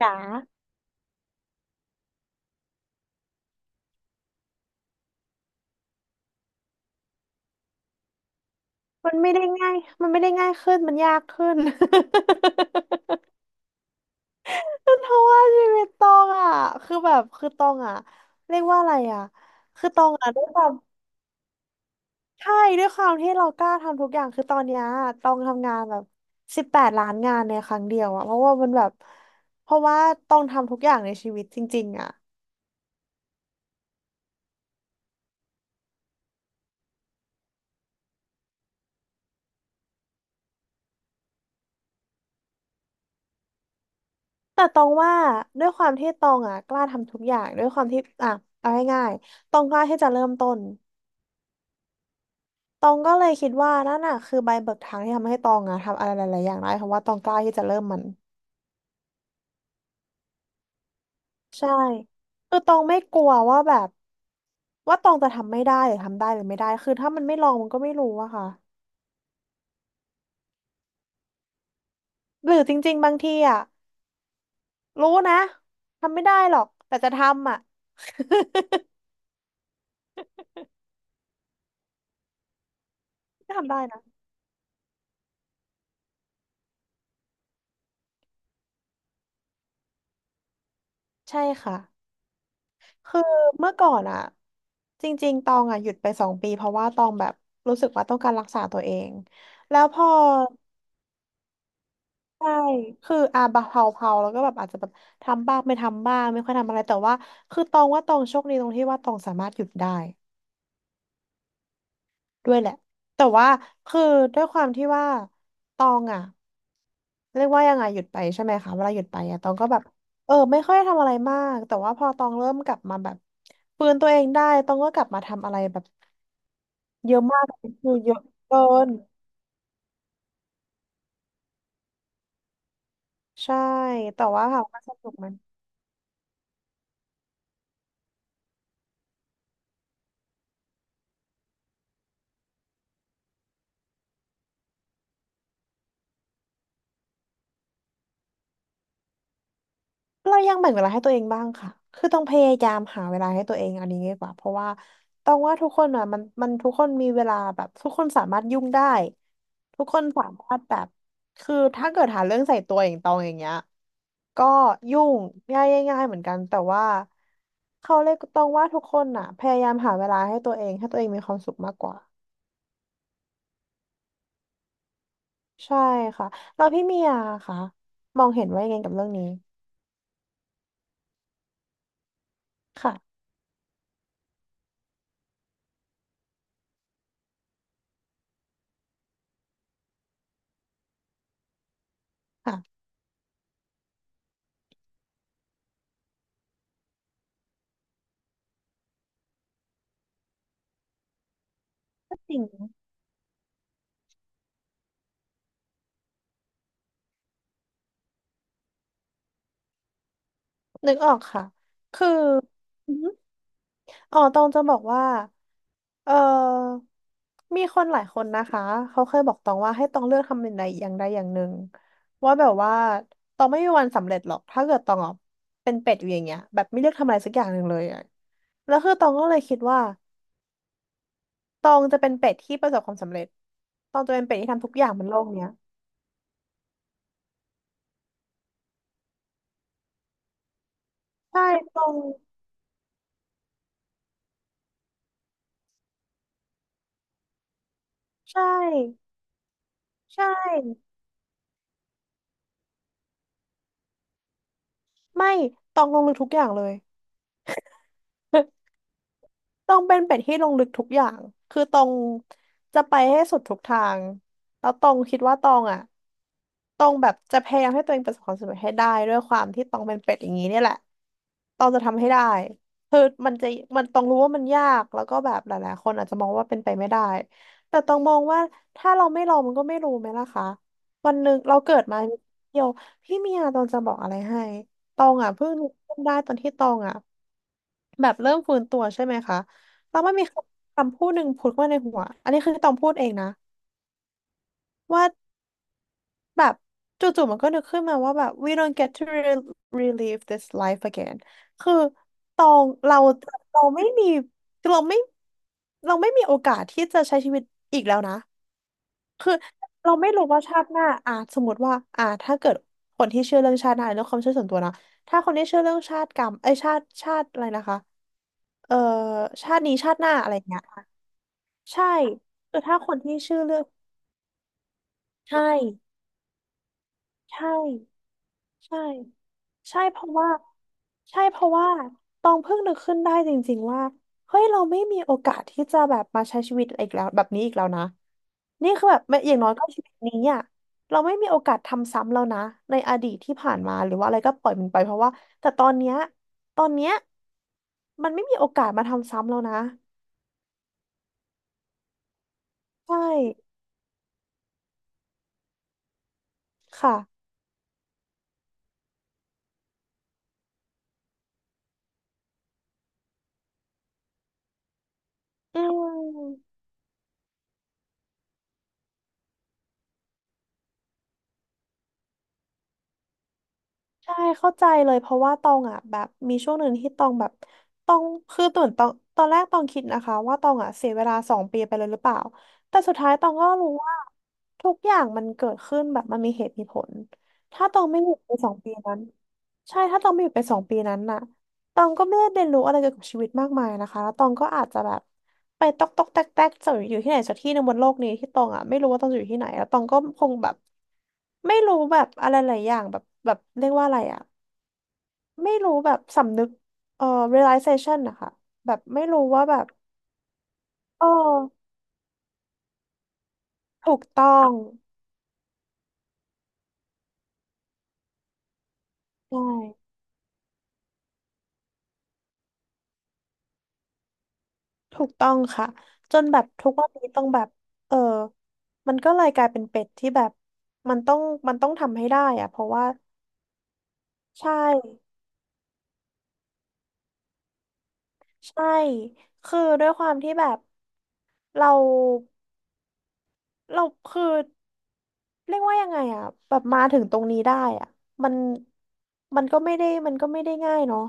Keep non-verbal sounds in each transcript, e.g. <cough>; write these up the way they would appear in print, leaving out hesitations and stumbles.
จ๋ามันไม่ได้ง่ายมันไม่ได้ง่ายขึ้น มันยากขึ้น <laughs> เพราะว่าชีวิตตองอ่ะคือแบบคือตองอ่ะเรียกว่าอะไรอ่ะคือตองอ่ะด้วยความใช่ด้วยความที่เรากล้าทำทุกอย่างคือตอนเนี้ยตองทำงานแบบ18 ล้านงานในครั้งเดียวอ่ะเพราะว่ามันแบบเพราะว่าตองทำทุกอย่างในชีวิตจริงๆอ่ะแต่ตองว่าด้วยความที่ตองอ่ะกล้าทำทุกอย่างด้วยความที่อ่ะเอาง่ายๆตองกล้าที่จะเริ่มต้น ตองก็เลยคิดว่านั่นน่ะคือใบเบิกทางที่ทำให้ตองอะทำอะไรหลายๆอย่างได้เพราะว่าตองกล้าที่จะเริ่มมันใช่คือตองไม่กลัวว่าแบบว่าตองจะทำไม่ได้หรือทำได้หรือไม่ได้คือถ้ามันไม่ลองมันก็ไม่รู้อะค่ะหรือจริงๆบางทีอะรู้นะทำไม่ได้หรอกแต่จะทำอะ <laughs> ก็ทำได้นะใช่ค่ะคือเมื่อก่อนอะจริงๆตองอะหยุดไป2 ปีเพราะว่าตองแบบรู้สึกว่าต้องการรักษาตัวเองแล้วพอ ใช่คืออาบะเผาๆแล้วก็แบบอาจจะแบบทำบ้างไม่ทำบ้างไม่ค่อยทำอะไรแต่ว่าคือตองว่าตองโชคดีตรงที่ว่าตองสามารถหยุดได้ด้วยแหละแต่ว่าคือด้วยความที่ว่าตองอ่ะเรียกว่ายังไงหยุดไปใช่ไหมคะเวลาหยุดไปอ่ะตองก็แบบเออไม่ค่อยทำอะไรมากแต่ว่าพอตองเริ่มกลับมาแบบฟื้นตัวเองได้ตองก็กลับมาทำอะไรแบบเยอะมากคือเยอะเกินใช่แต่ว่าถามว่าสนุกไหม เรายังแบ่งเวลาให้ตัวเองบ้างค่ะ คือต้องพยายามหาเวลาให้ตัวเองอันนี้ดีกว่าเพราะว่าต้องว่าทุกคนอ่ะมันทุกคนมีเวลาแบบทุกคนสามารถยุ่งได้ทุกคนสามารถแบบคือถ้าเกิดหาเรื่องใส่ตัวอย่างตองอย่างเงี้ยก็ยุ่งง่ายง่ายๆเหมือนกันแต่ว่าเขาเลยกต้องว่าทุกคนอ่ะพยายามหาเวลาให้ตัวเองให้ตัวเองมีความสุขมากกว่าใช่ค่ะเราพี่เมียค่ะมองเห็นว่ายังไงกับเรื่องนี้ค่ะค่ะจริง นึกออกค่ะคืออือหืออ๋อตองจะบอกว่า เออมีคนหลายคนนะคะ เขาเคยบอกตองว่าให้ตองเลือกทำอย่างใดอย่างใดอย่างหนึ่งว่าแบบว่าตองไม่มีวันสำเร็จหรอกถ้าเกิดตองอ่ะเป็นเป็ดอยู่อย่างเงี้ยแบบไม่เลือกทำอะไรสักอย่างหนึ่งเลยอะแล้วคือตองก็เลยคิดว่าตองจะเป็นเป็ดที่ประสบความสำเร็จตองจะเป็นเป็ดที่ทำทุกอย่างบนโลกเนี้ยใช่ตองใช่ใช่ไม่ตองลงลึกทุกอย่างเลย <laughs> ต้องเป็นเป็ดที่ลงลึกทุกอย่างคือตองจะไปให้สุดทุกทาง แล้วตองคิดว่าตองอ่ะตองแบบจะพยายามให้ตัวเองประสบความสำเร็จให้ได้ด้วยความที่ตองเป็นเป็ดอย่างนี้เนี่ยแหละตองจะทำให้ได้คือมันจะมันตองรู้ว่ามันยากแล้วก็แบบหลายๆคนอาจจะมองว่าเป็นไปไม่ได้แต่ตองมองว่าถ้าเราไม่ลองมันก็ไม่รู้ไหมล่ะคะวันหนึ่งเราเกิดมาเดียวพี่เมียตองจะบอกอะไรให้ตองอ่ะเพิ่งนึกขึ้นได้ตอนที่ตองอ่ะ แบบเริ่มฟื้นตัวใช่ไหมคะแล้วมันมีคำคำพูดหนึ่งพูดมาในหัว อันนี้คือตองพูดเองนะว่าแบบจู่ๆมันก็นึกขึ้นมาว่าแบบ we don't get to relive this life again คือตองเราเราไม่มีเราไม่เราไม่มีโอกาสที่จะใช้ชีวิตอีกแล้วนะคือเราไม่รู้ว่าชาติหน้าอ่ะสมมติว่าอ่ะถ้าเกิดคนที่เชื่อเรื่องชาติหน้าเรื่องความเชื่อส่วนตัวนะถ้าคนที่เชื่อเรื่องชาติกรรมไอยชาติอะไรนะคะเอ่อชาตินี้ชาติหน้าอะไรเงี้ย ใช่คือถ้าคนที่ชื่อเรื่องใช่ใช่ใช่ใช่เพราะว่าใช่เพราะว่าตองเพิ่งนึกขึ้นได้จริงๆว่าเฮ้ยเราไม่มีโอกาสที่จะแบบมาใช้ชีวิตอีกแล้วแบบนี้อีกแล้วนะนี่คือแบบไม่อย่างน้อยก็ชีวิตนี้อ่ะเราไม่มีโอกาสทำซ้ำแล้วนะในอดีตที่ผ่านมาหรือว่าอะไรก็ปล่อยมันไปเพราะว่าแต่ตอนเนี้ยตอนเนี้ยมันไม่มีโอกาสมาทำซ้ำแล้วนะใช่ค่ะอืม ใช่เข้าใจเลยเพราะว่าตองอ่ะแบบมีช่วงหนึ่งที่ตองแบบตองคือตื่นตองตอนแรกตองคิดนะคะว่าตองอ่ะเสียเวลาสองปีไปเลยหรือเปล่าแต่สุดท้ายตองก็รู้ว่าทุกอย่างมันเกิดขึ้นแบบมันมีเหตุมีผลถ้าตองไม่หยุดไปสองปีนั้นใช่ถ้าตองไม่หยุดไปสองปีนั้นน่ะ ตองก็ไม่ได้เรียนรู้อะไรเกี่ยวกับชีวิตมากมายนะคะแล้วตองก็อาจจะแบบไปตอกตอกแตกแตกจะอยู่ที่ไหนสักที่หนึ่งบนโลกนี้ที่ตองอ่ะไม่รู้ว่าตองจะอยู่ที่ไหนแล้วตองก็คงแบบไม่รู้แบบอะไรหลายอย่างแบบเรียกว่าอะไรอ่ะไม่รู้แบบสำนึกเอ่อ realization นะคะแบบไม่รู้ว่าแบบเออถูกต้องใช่ถูกต้องค่ะจนแบบทุกวันนี้ต้องแบบเออมันก็เลยกลายเป็นเป็ดที่แบบมันต้องมันต้องทำให้ได้อะเพราะว่าใช่ ใช่ คือด้วยความที่แบบเราเราคือเรียกว่ายังไงอะแบบมาถึงตรงนี้ได้อะมันมันก็ไม่ได้ง่ายเนาะ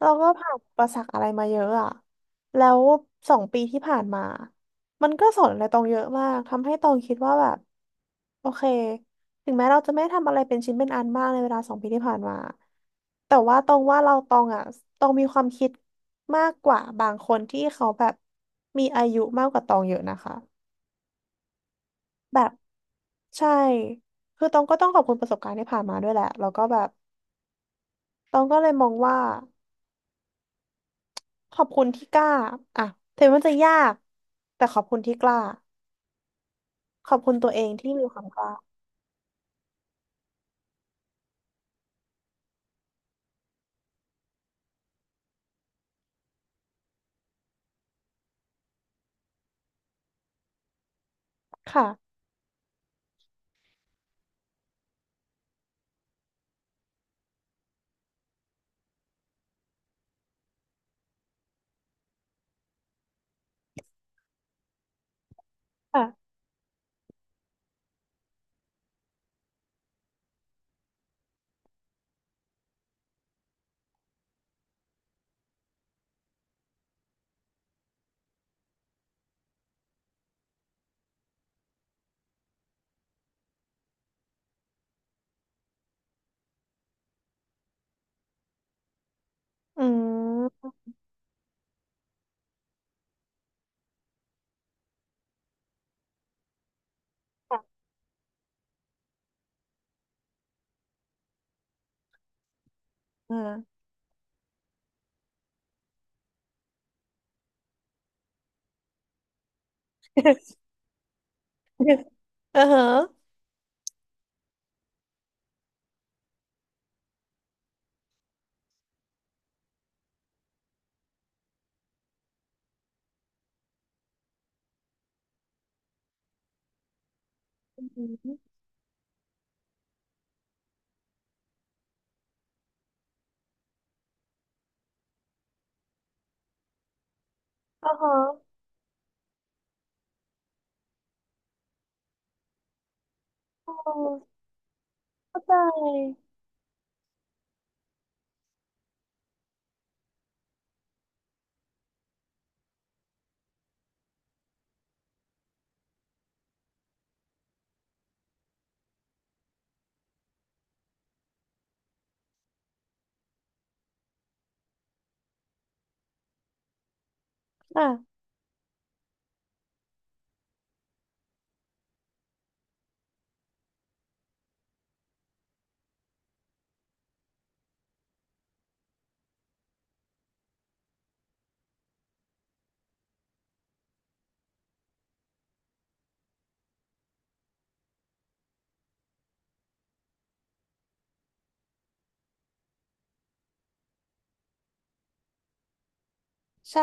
เราก็ผ่านอุประสักอะไรมาเยอะอะแล้วสองปีที่ผ่านมา มันก็สอนอะไรตองเยอะมากทำให้ตองคิดว่าแบบโอเคถึงแม้เราจะไม่ทำอะไรเป็นชิ้นเป็นอันมากในเวลาสองปีที่ผ่านมาแต่ว่าตองว่าเราตองอ่ะตองมีความคิดมากกว่าบางคนที่เขาแบบมีอายุมากกว่าตองเยอะนะคะ แบบใช่ คือตองก็ต้องขอบคุณประสบการณ์ที่ผ่านมาด้วยแหละแล้วก็แบบตองก็เลยมองว่า ขอบคุณที่กล้าอ่ะถึงมันจะยากแต่ขอบคุณที่กล้าขอบคุณตัวเองที่มีความกล้าค่ะค่ะอืมค่ะอ่า <laughs> เออเหรออืมเออเหรอโอ้เข้าใจอ่ะใช่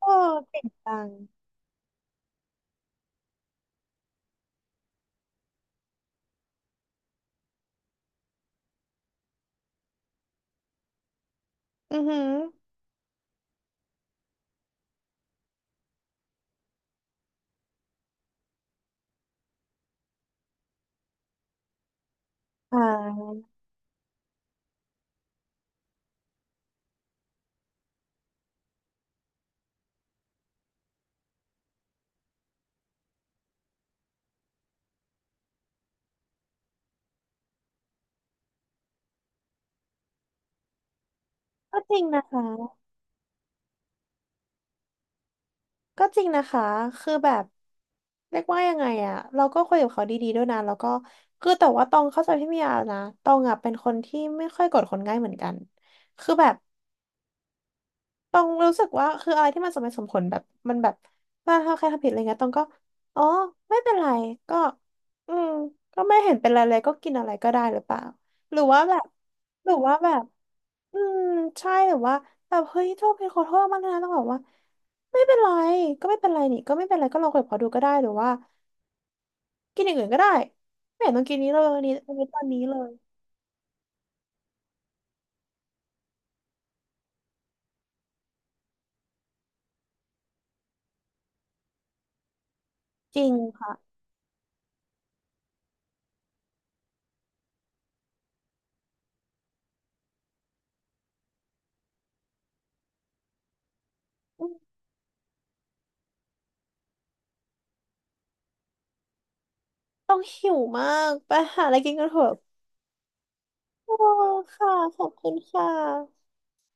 โอ้เก่งจังอือหืออ่าก็จริงนะคะ ก็จริงนะคะ คือแบบเรียกว่ายังไงอะเราก็คุยกับเขาดีๆด้วยนะแล้วก็คือแต่ว่าตองเข้าใจพี่เมียนะตองอะเป็นคนที่ไม่ค่อยโกรธคนง่ายเหมือนกันคือแบบ ตองรู้สึกว่าคืออะไรที่มันสมเหตุสมผลแบบมันแบบว่าถ้าใครทำผิดอะไรเงี้ยตองก็อ๋อไม่เป็นไรก็อืมก็ไม่เห็นเป็นไรเลยก็กินอะไรก็ได้หรือเปล่าหรือว่าแบบหรือว่าแบบอืมใช่หรือว่าแบบเฮ้ยโทษเป็นขอโทษมากนะต้องบอกว่าไม่เป็นไรก็ไม่เป็นไรนี่ก็ไม่เป็นไรก็ลองคุยกับเขาดูก็ได้หรือว่ากินอย่างอื่นก็ได้ไม่เห็นต้องกินนี้เลยวันนี้ตอนนี้เลยจริงค่ะอืมต้องหิวมากไปหาอะไรกินกันเถอะ โอ้ค่ะขอบคุณค่ะ